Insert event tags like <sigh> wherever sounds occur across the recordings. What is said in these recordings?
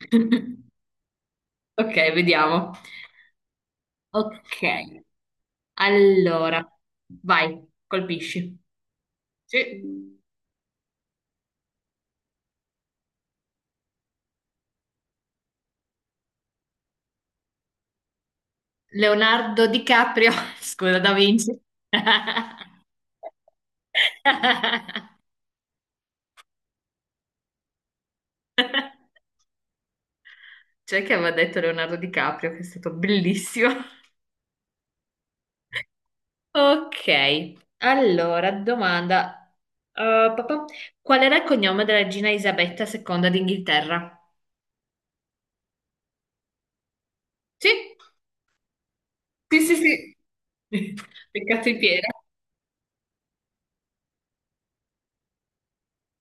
<laughs> Ok, vediamo. Ok, allora, vai, colpisci. Sì. Leonardo DiCaprio, <laughs> scusa, Da Vinci. <laughs> C'è che aveva detto Leonardo DiCaprio, che è stato bellissimo. Ok, allora, domanda. Papà, qual era il cognome della regina Isabetta II d'Inghilterra? Sì, sì, sì, sì. <laughs> Peccato in piedi.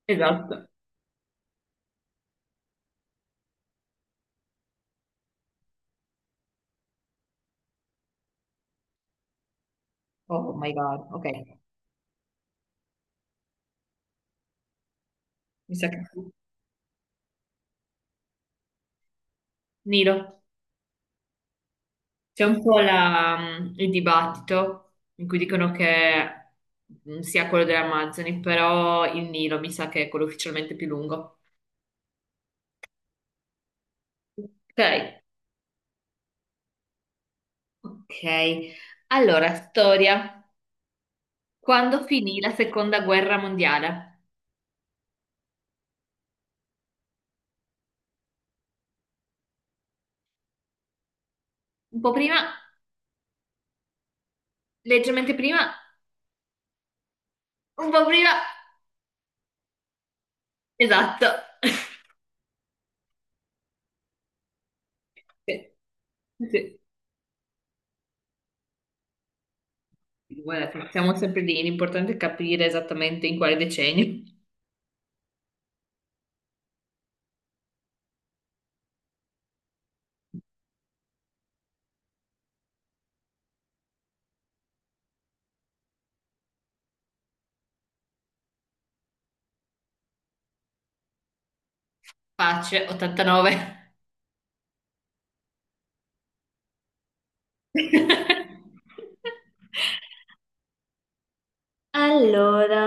Esatto. Oh my God, ok. Mi sa che sì. Nilo. C'è un po' il dibattito in cui dicono che sia quello delle Amazzoni, però il Nilo mi sa che è quello ufficialmente più lungo. Ok, ok. Allora, storia. Quando finì la seconda guerra mondiale? Un po' prima, leggermente prima, un po' prima. Esatto. <laughs> Sì. Sì. Guarda, siamo sempre lì, l'importante è capire esattamente in quale decennio. Pace, 89. <laughs> Allora,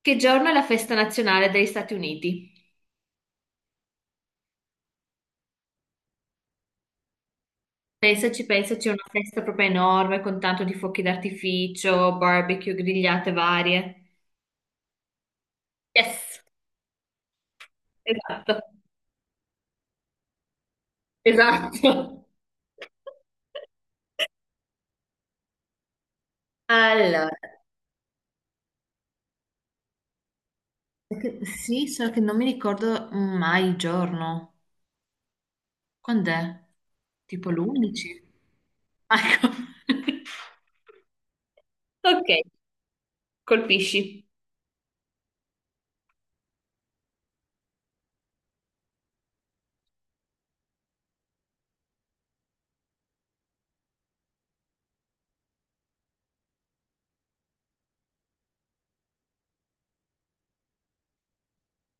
che giorno è la festa nazionale degli Stati Uniti? Pensaci, pensaci, è una festa proprio enorme con tanto di fuochi d'artificio, barbecue, grigliate varie. Yes, esatto, esatto. <laughs> Allora, sì, solo che non mi ricordo mai il giorno. Quando è? Tipo l'11? Ecco. <laughs> Ok, colpisci.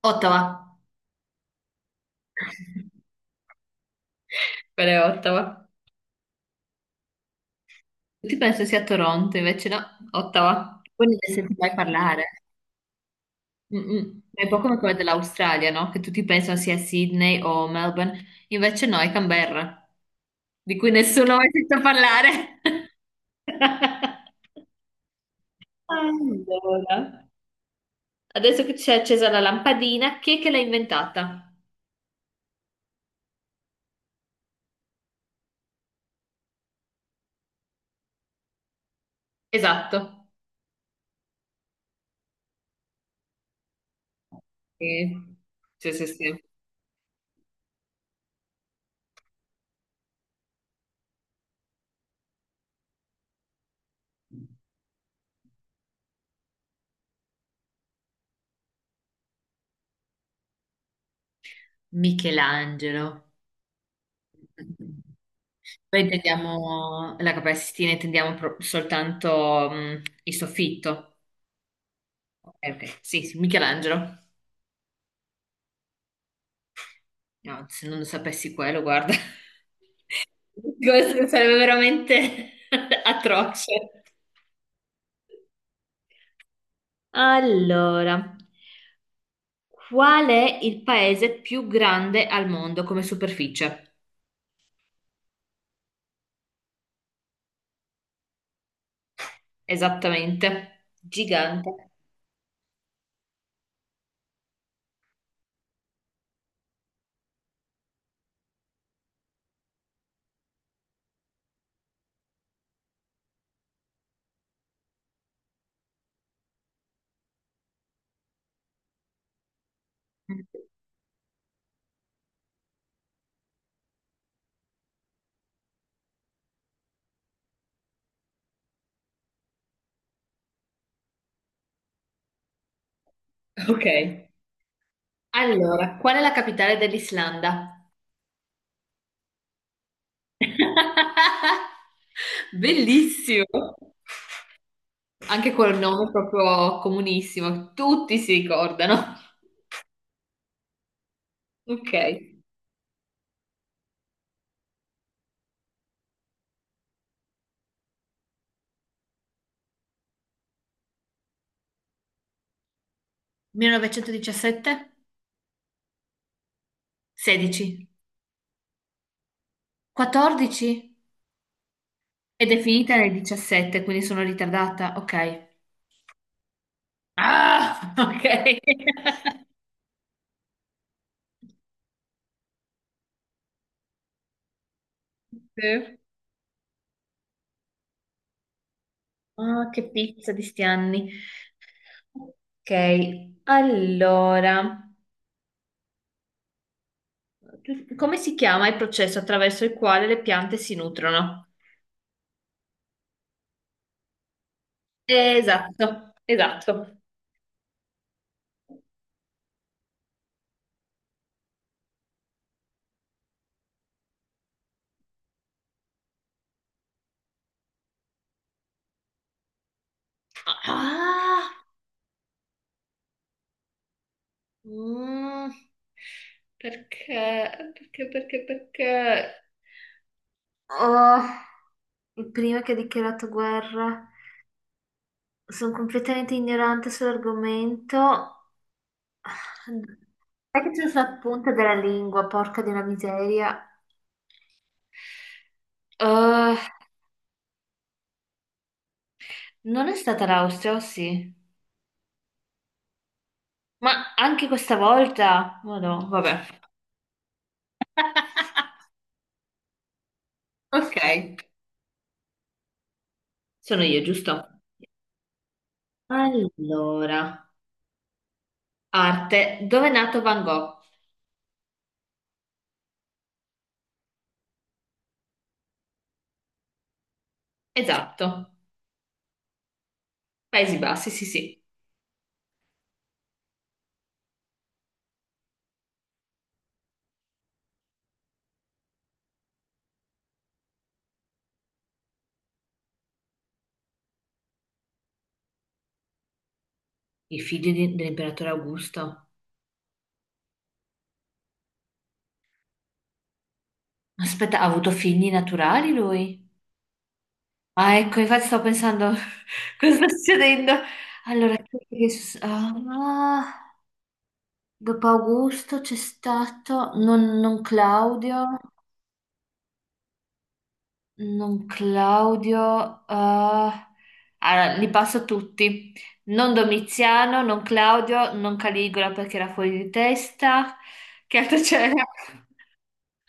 Ottawa. Quella è Ottawa. Tutti pensano sia Toronto, invece no, Ottawa. Poi ne senti mai parlare. Mm-mm. È un po' come quella dell'Australia, no? Che tutti pensano sia Sydney o Melbourne, invece no, è Canberra, di cui nessuno ha mai sentito parlare. <laughs> Allora, adesso che c'è accesa la lampadina, chi è che l'ha inventata? Esatto. Sì, sì, sì. Sì. Michelangelo. Poi intendiamo la Cappella Sistina, intendiamo soltanto il soffitto. Ok, ok. Sì, sì, Michelangelo. No, se non lo sapessi quello, guarda, <laughs> questo sarebbe veramente <laughs> atroce. Allora, qual è il paese più grande al mondo come superficie? Esattamente, gigante. Ok. Allora, qual è la capitale dell'Islanda? <laughs> Bellissimo. Anche quel nome proprio comunissimo, tutti si ricordano. Ok. 1917? 16. 14? Ed è finita nel 17, quindi sono ritardata. Ok. Ah, ok. <laughs> Sì. Ah, che pizza di sti anni. Ok, allora, come si chiama il processo attraverso il quale le piante si nutrono? Esatto, esatto. Ah, mm, perché, perché, perché, perché... Oh, il primo che ha dichiarato guerra. Sono completamente ignorante sull'argomento. Sai che c'è sulla punta della lingua, porca di una miseria. Eh, non è stata l'Austria, o sì? Ma anche questa volta? Ma no, vabbè. Ok. Sono io, giusto? Allora, arte. Dove è nato Van Gogh? Esatto. Paesi Bassi, sì, sì. Il figlio dell'imperatore Augusto. Aspetta, ha avuto figli naturali lui? Ah, ecco, infatti stavo pensando <laughs> cosa sta succedendo. Allora, chi è che ah, dopo Augusto c'è stato non Claudio. Non Claudio, allora, li passo tutti. Non Domiziano, non Claudio, non Caligola perché era fuori di testa. Che altro c'era?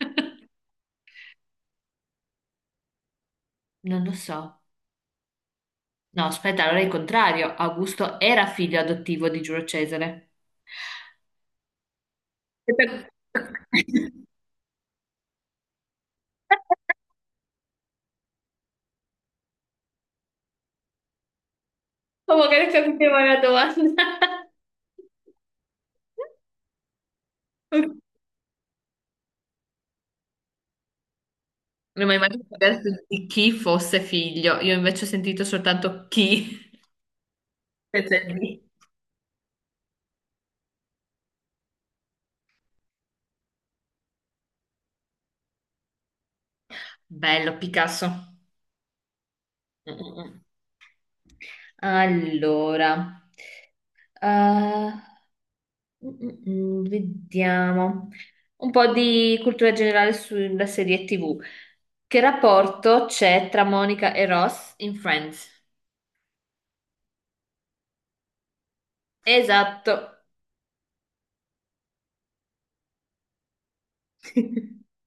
<laughs> Non lo so. No, aspetta, allora è il contrario. Augusto era figlio adottivo di Giulio Cesare. Aspetta. <laughs> Oh, magari capiva la domanda. <laughs> Non mi hai mai detto di chi fosse figlio. Io invece ho sentito soltanto chi. <laughs> Senza il di. Bello, Picasso. Mm, mm, mm. Allora, eh, vediamo un po' di cultura generale sulla serie TV. Che rapporto c'è tra Monica e Ross in Friends? Esatto. <laughs>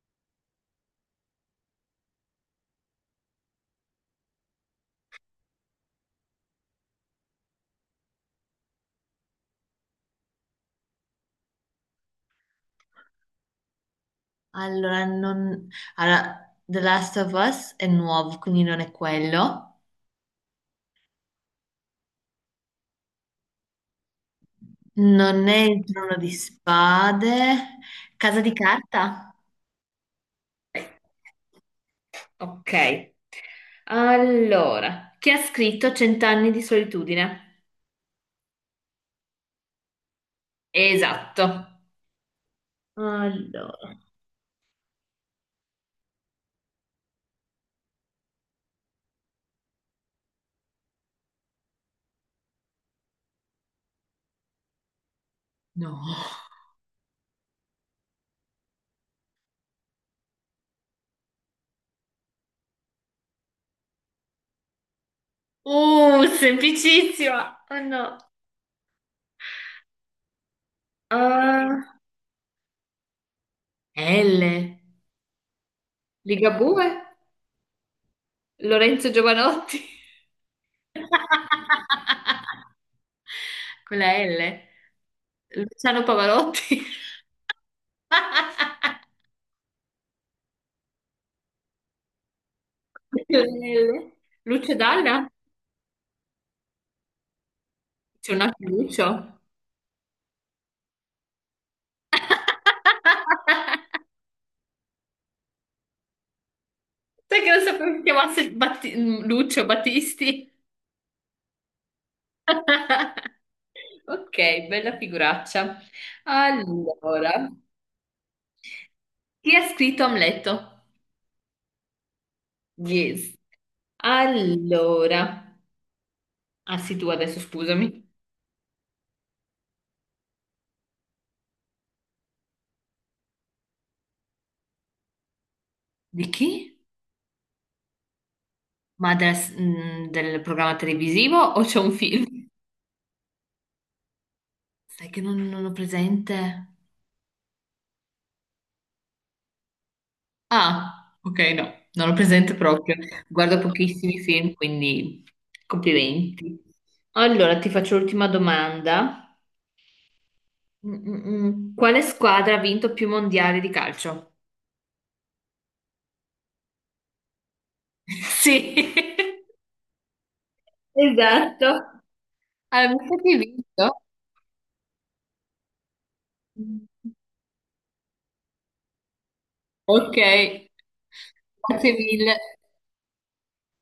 Allora, non... allora, The Last of Us è nuovo, quindi non è quello. Non è il trono di spade. Casa di carta? Ok. Allora, chi ha scritto Cent'anni di solitudine? Esatto. Allora. No. Semplicissima. Oh no. Ah, L. Ligabue? Lorenzo Giovanotti? <laughs> Con la L? Luciano Pavarotti? <laughs> Con la L? Lucio Dalla? C'è un altro Lucio? <laughs> Sai che non sapevo che si chiamasse Lucio Battisti? <laughs> Ok, bella figuraccia. Allora, chi ha scritto Amleto? Yes. Allora, ah sì, tu adesso scusami. Di chi? Ma del programma televisivo o c'è un film? Sai che non ho presente. Ah, ok, no, non ho presente proprio. Guardo pochissimi film, quindi complimenti. Allora, ti faccio l'ultima domanda. Mm, mm, mm. Quale squadra ha vinto più mondiali di calcio? <laughs> Sì, <laughs> Esatto. Avevo vinto. Ok, grazie mille.